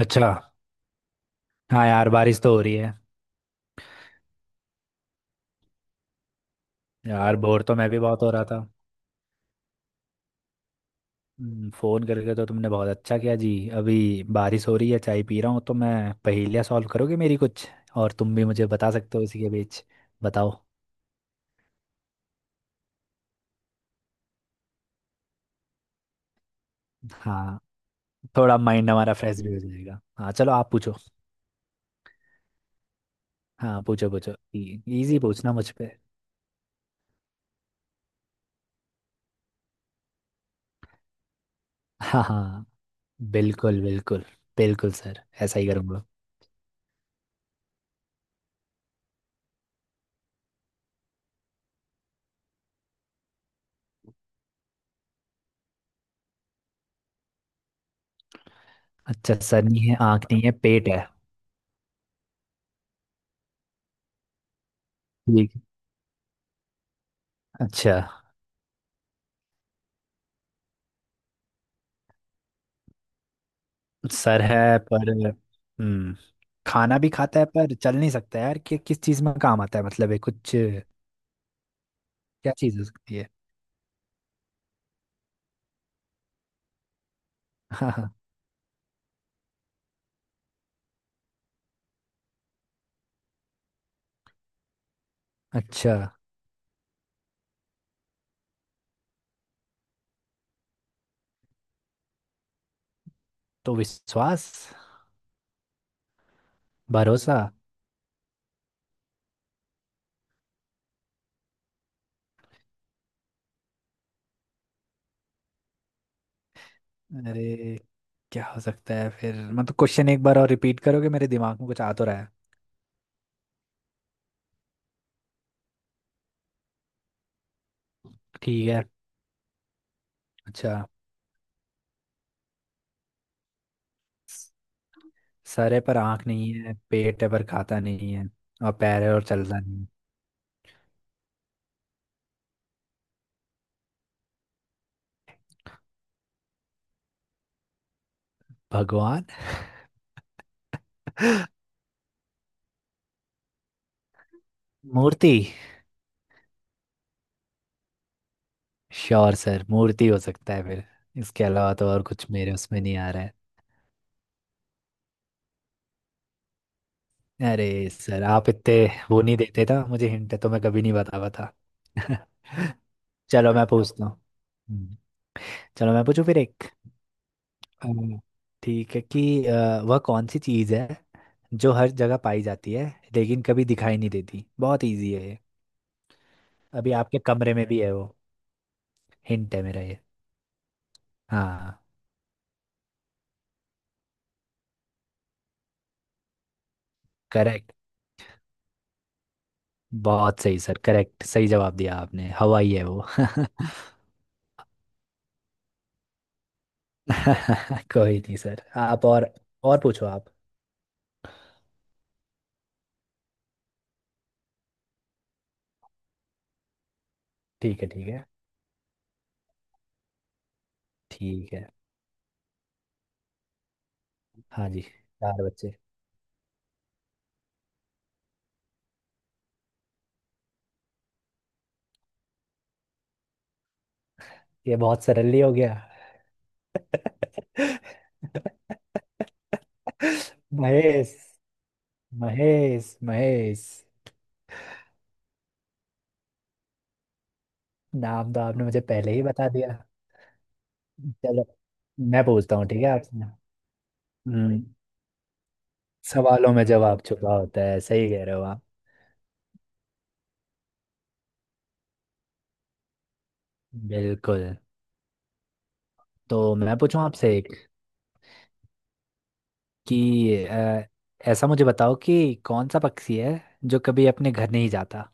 अच्छा। हाँ यार, बारिश तो हो रही है। यार, बोर तो मैं भी बहुत हो रहा था। फोन करके तो तुमने बहुत अच्छा किया जी। अभी बारिश हो रही है, चाय पी रहा हूँ तो मैं पहेलियाँ सॉल्व करोगे मेरी कुछ, और तुम भी मुझे बता सकते हो इसी के बीच। बताओ। हाँ, थोड़ा माइंड हमारा फ्रेश भी हो जाएगा। हाँ चलो, आप पूछो। हाँ, पूछो पूछो, इजी पूछना मुझ पे। हाँ हाँ, बिल्कुल बिल्कुल। बिल्कुल सर, ऐसा ही करूँगा। अच्छा, सर नहीं है, आँख नहीं है, पेट है। ठीक। अच्छा। सर है पर हम्म, खाना भी खाता है पर चल नहीं सकता यार, कि किस चीज में काम आता है मतलब? ये कुछ क्या चीज हो सकती है? हाँ हाँ। अच्छा। तो विश्वास? भरोसा? अरे, क्या हो सकता है फिर मतलब? क्वेश्चन एक बार और रिपीट करोगे? मेरे दिमाग में कुछ आ तो रहा है। ठीक है। अच्छा। स- सर है पर आंख नहीं है, पेट है पर खाता नहीं है, और पैर है और चलता नहीं है। भगवान। मूर्ति। श्योर सर, मूर्ति हो सकता है फिर। इसके अलावा तो और कुछ मेरे उसमें नहीं आ रहा है। अरे सर, आप इतने वो नहीं देते था मुझे हिंट तो मैं कभी नहीं बता पाता। चलो, मैं पूछता हूँ। हम्म, चलो मैं पूछूं फिर एक। अम्म, ठीक है कि वह कौन सी चीज़ है जो हर जगह पाई जाती है लेकिन कभी दिखाई नहीं देती? बहुत इजी है ये। अभी आपके कमरे में भी है वो, हिंट है मेरा ये। हाँ। करेक्ट। बहुत सही सर, करेक्ट सही जवाब दिया आपने। हवा ही है वो। कोई नहीं सर। आप और पूछो आप। ठीक है। ठीक है ठीक है। हाँ जी, 4 बच्चे। ये बहुत सरल हो गया। महेश। महेश महेश। नाम तो आपने मुझे पहले ही बता दिया। चलो मैं पूछता हूँ ठीक है आपसे। हम्म। सवालों में जवाब छुपा होता है, सही कह रहे हो आप। बिल्कुल। तो मैं पूछूं आपसे एक, कि ऐसा मुझे बताओ कि कौन सा पक्षी है जो कभी अपने घर नहीं जाता?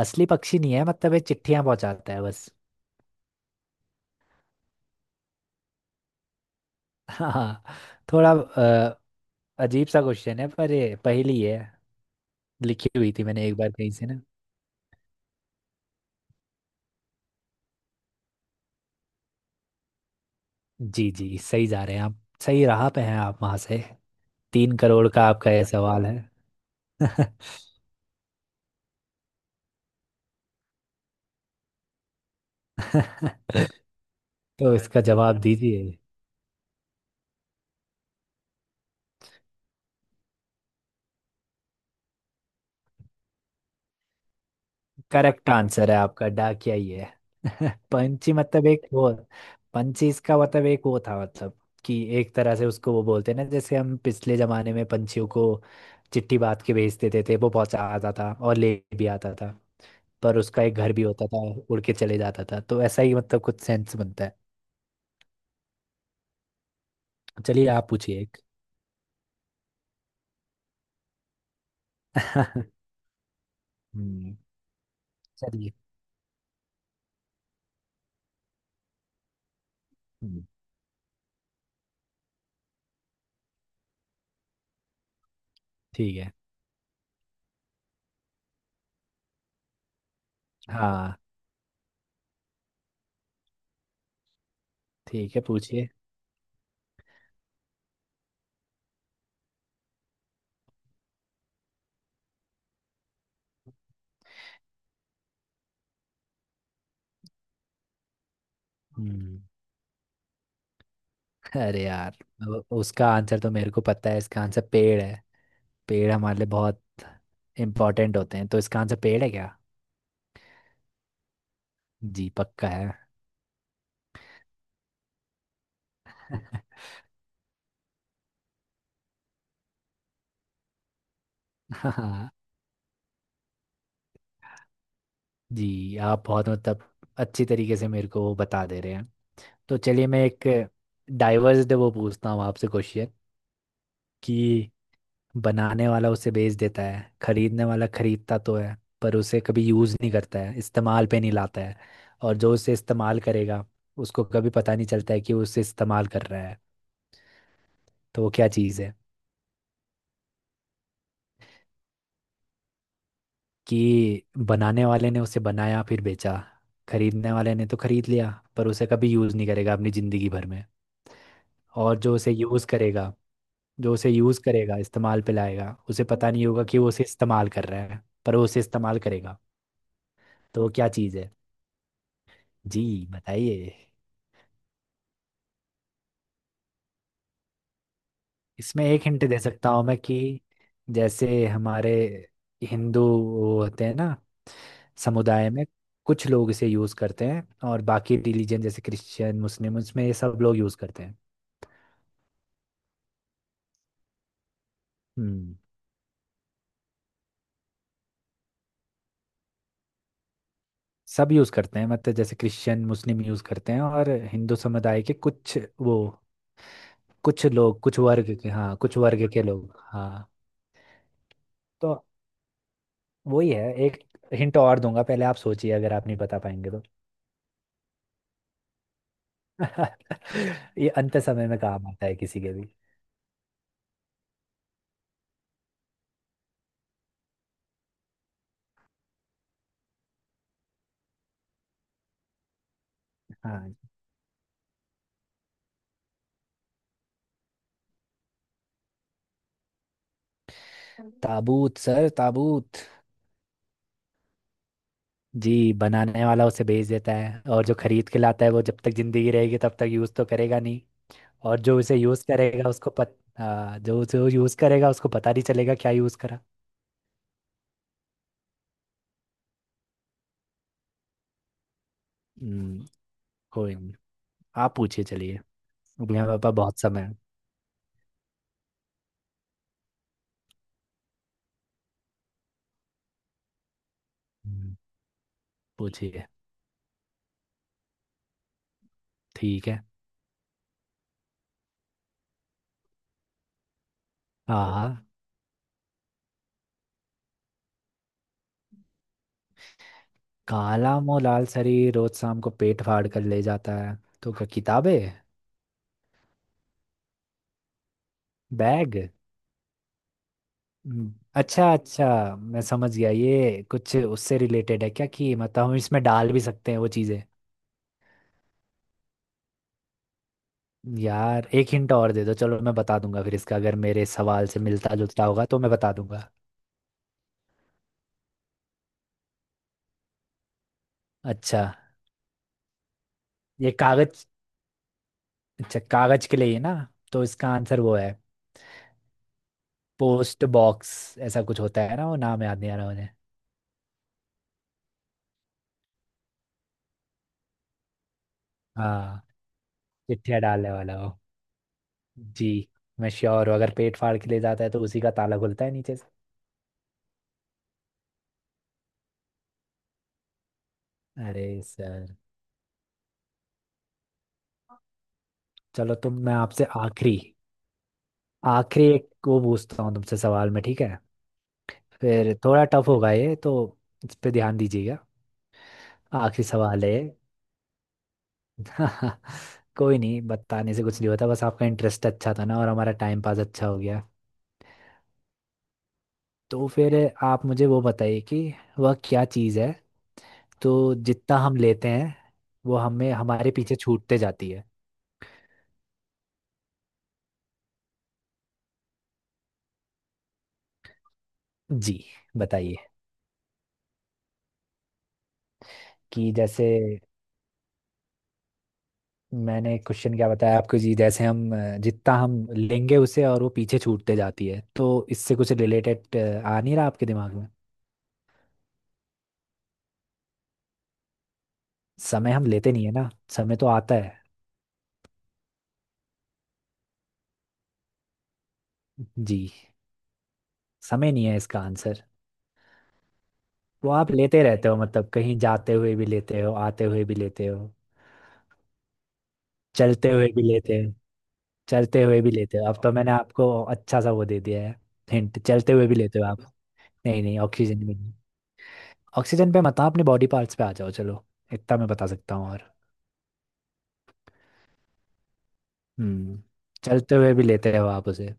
असली पक्षी नहीं है, मतलब ये चिट्ठियां पहुंचाता है बस। हाँ। थोड़ा अजीब सा क्वेश्चन है पर ये पहेली है, लिखी हुई थी मैंने एक बार कहीं से ना। जी जी, सही जा रहे हैं आप। सही राह पे हैं आप वहां से। 3 करोड़ का आपका ये सवाल है। तो इसका जवाब दीजिए। करेक्ट आंसर है आपका, डाकिया ही है। पंची मतलब एक वो, पंची इसका मतलब एक वो था, मतलब कि एक तरह से उसको वो बोलते हैं ना, जैसे हम पिछले जमाने में पंछियों को चिट्ठी बात के भेज देते थे, वो पहुंचा आता था और ले भी आता था। पर उसका एक घर भी होता था, उड़ के चले जाता था, तो ऐसा ही मतलब कुछ सेंस बनता है। चलिए आप पूछिए एक। हम्म। चलिए। हम्म, ठीक है। हाँ ठीक है। पूछिए। हम्म। अरे यार, अब उसका आंसर तो मेरे को पता है। इसका आंसर पेड़ है। पेड़ हमारे लिए बहुत इम्पोर्टेंट होते हैं, तो इसका आंसर पेड़ है क्या? जी पक्का है। हाँ जी, आप बहुत मतलब अच्छी तरीके से मेरे को वो बता दे रहे हैं। तो चलिए मैं एक डाइवर्स वो पूछता हूँ आपसे क्वेश्चन, कि बनाने वाला उसे बेच देता है, खरीदने वाला खरीदता तो है पर उसे कभी यूज़ नहीं करता है, इस्तेमाल पे नहीं लाता है, और जो उसे इस्तेमाल करेगा उसको कभी पता नहीं चलता है कि वो उसे इस्तेमाल कर रहा है। तो वो क्या चीज़ है? कि बनाने वाले ने उसे बनाया फिर बेचा, खरीदने वाले ने तो खरीद लिया पर उसे कभी यूज़ नहीं करेगा अपनी ज़िंदगी भर में। और जो उसे यूज़ करेगा इस्तेमाल पे लाएगा, उसे पता नहीं होगा कि वो उसे इस्तेमाल कर रहा है, पर वो उसे इस्तेमाल करेगा। तो वो क्या चीज़ है? जी बताइए। इसमें एक हिंट दे सकता हूँ मैं कि जैसे हमारे हिंदू वो होते हैं ना, समुदाय में कुछ लोग इसे यूज करते हैं, और बाकी रिलीजन जैसे क्रिश्चियन मुस्लिम उसमें ये सब लोग यूज करते हैं। हम्म। सब यूज करते हैं, मतलब जैसे क्रिश्चियन मुस्लिम यूज करते हैं, और हिंदू समुदाय के कुछ वो कुछ लोग, कुछ वर्ग के हाँ, कुछ वर्ग के लोग, हाँ। तो वही है। एक हिंट और दूंगा, पहले आप सोचिए, अगर आप नहीं बता पाएंगे तो। ये अंत समय में काम आता है किसी के भी। हाँ ताबूत सर, ताबूत। जी, बनाने वाला उसे बेच देता है, और जो खरीद के लाता है वो जब तक जिंदगी रहेगी तब तक यूज़ तो करेगा नहीं। और जो उसे यूज़ करेगा उसको पत हाँ, जो उसे यूज़ करेगा उसको पता नहीं चलेगा क्या यूज़ करा। हम्म, कोई नहीं। आप पूछिए चलिए। अभी हमारे पास बहुत समय है। हम्म, पूछिए। ठीक है। हाँ। काला मुंह लाल सरी, रोज शाम को पेट फाड़ कर ले जाता है। तो क्या, किताबें? बैग? अच्छा अच्छा, मैं समझ गया। ये कुछ उससे रिलेटेड है क्या, कि मतलब हम इसमें डाल भी सकते हैं वो चीज़ें? यार एक हिंट और दे दो, चलो मैं बता दूंगा फिर इसका, अगर मेरे सवाल से मिलता जुलता होगा तो मैं बता दूंगा। अच्छा ये कागज। अच्छा कागज के लिए ही ना। तो इसका आंसर वो है पोस्ट बॉक्स, ऐसा कुछ होता है ना, वो नाम याद नहीं आ रहा मुझे। हाँ, चिट्ठियाँ डालने वाला हो। जी। मैं श्योर हूँ, अगर पेट फाड़ के ले जाता है तो उसी का ताला खुलता है नीचे से। अरे सर, चलो तो मैं आपसे आखिरी, आखिरी एक वो पूछता हूँ तुमसे सवाल में, ठीक है? फिर थोड़ा टफ होगा ये तो, इस पे ध्यान दीजिएगा। आखिरी सवाल है। कोई नहीं, बताने से कुछ नहीं होता, बस आपका इंटरेस्ट अच्छा था ना और हमारा टाइम पास अच्छा हो गया। तो फिर आप मुझे वो बताइए कि वह क्या चीज़ है, तो जितना हम लेते हैं वो हमें हमारे पीछे छूटते जाती है। जी बताइए। कि जैसे, मैंने क्वेश्चन क्या बताया आपको जी, जैसे हम जितना हम लेंगे उसे और वो पीछे छूटते जाती है, तो इससे कुछ रिलेटेड आ नहीं रहा आपके दिमाग में? समय हम लेते नहीं है ना, समय तो आता है। जी, समय नहीं है इसका आंसर। वो आप लेते रहते हो, मतलब कहीं जाते हुए भी लेते हो, आते हुए भी लेते हो, चलते हुए भी लेते हो। चलते हुए भी लेते हो, अब तो मैंने आपको अच्छा सा वो दे दिया है हिंट, चलते हुए भी लेते हो आप। नहीं नहीं, ऑक्सीजन भी नहीं। ऑक्सीजन पे मत आओ, अपने बॉडी पार्ट्स पे आ जाओ चलो, इतना मैं बता सकता हूँ और। हम्म। चलते हुए भी लेते हैं आप उसे।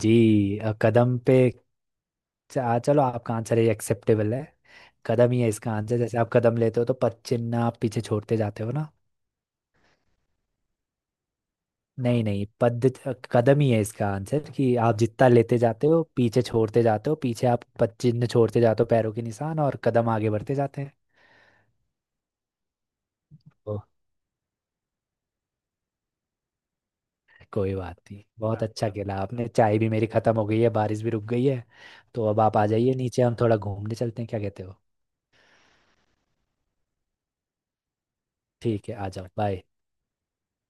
जी कदम पे, आ चलो आपका आंसर ये एक्सेप्टेबल है, कदम ही है इसका आंसर, जैसे आप कदम लेते हो तो पद चिन्ह आप पीछे छोड़ते जाते हो ना। नहीं नहीं पद कदम ही है इसका आंसर, कि आप जितना लेते जाते हो, पीछे छोड़ते जाते हो, पीछे आप पद चिन्ह छोड़ते जाते हो, पैरों के निशान, और कदम आगे बढ़ते जाते हैं। ओ, कोई बात नहीं। बहुत अच्छा खेला आपने। चाय भी मेरी खत्म हो गई है, बारिश भी रुक गई है, तो अब आप आ जाइए नीचे, हम थोड़ा घूमने चलते हैं, क्या कहते हो? ठीक है, आ जाओ। बाय।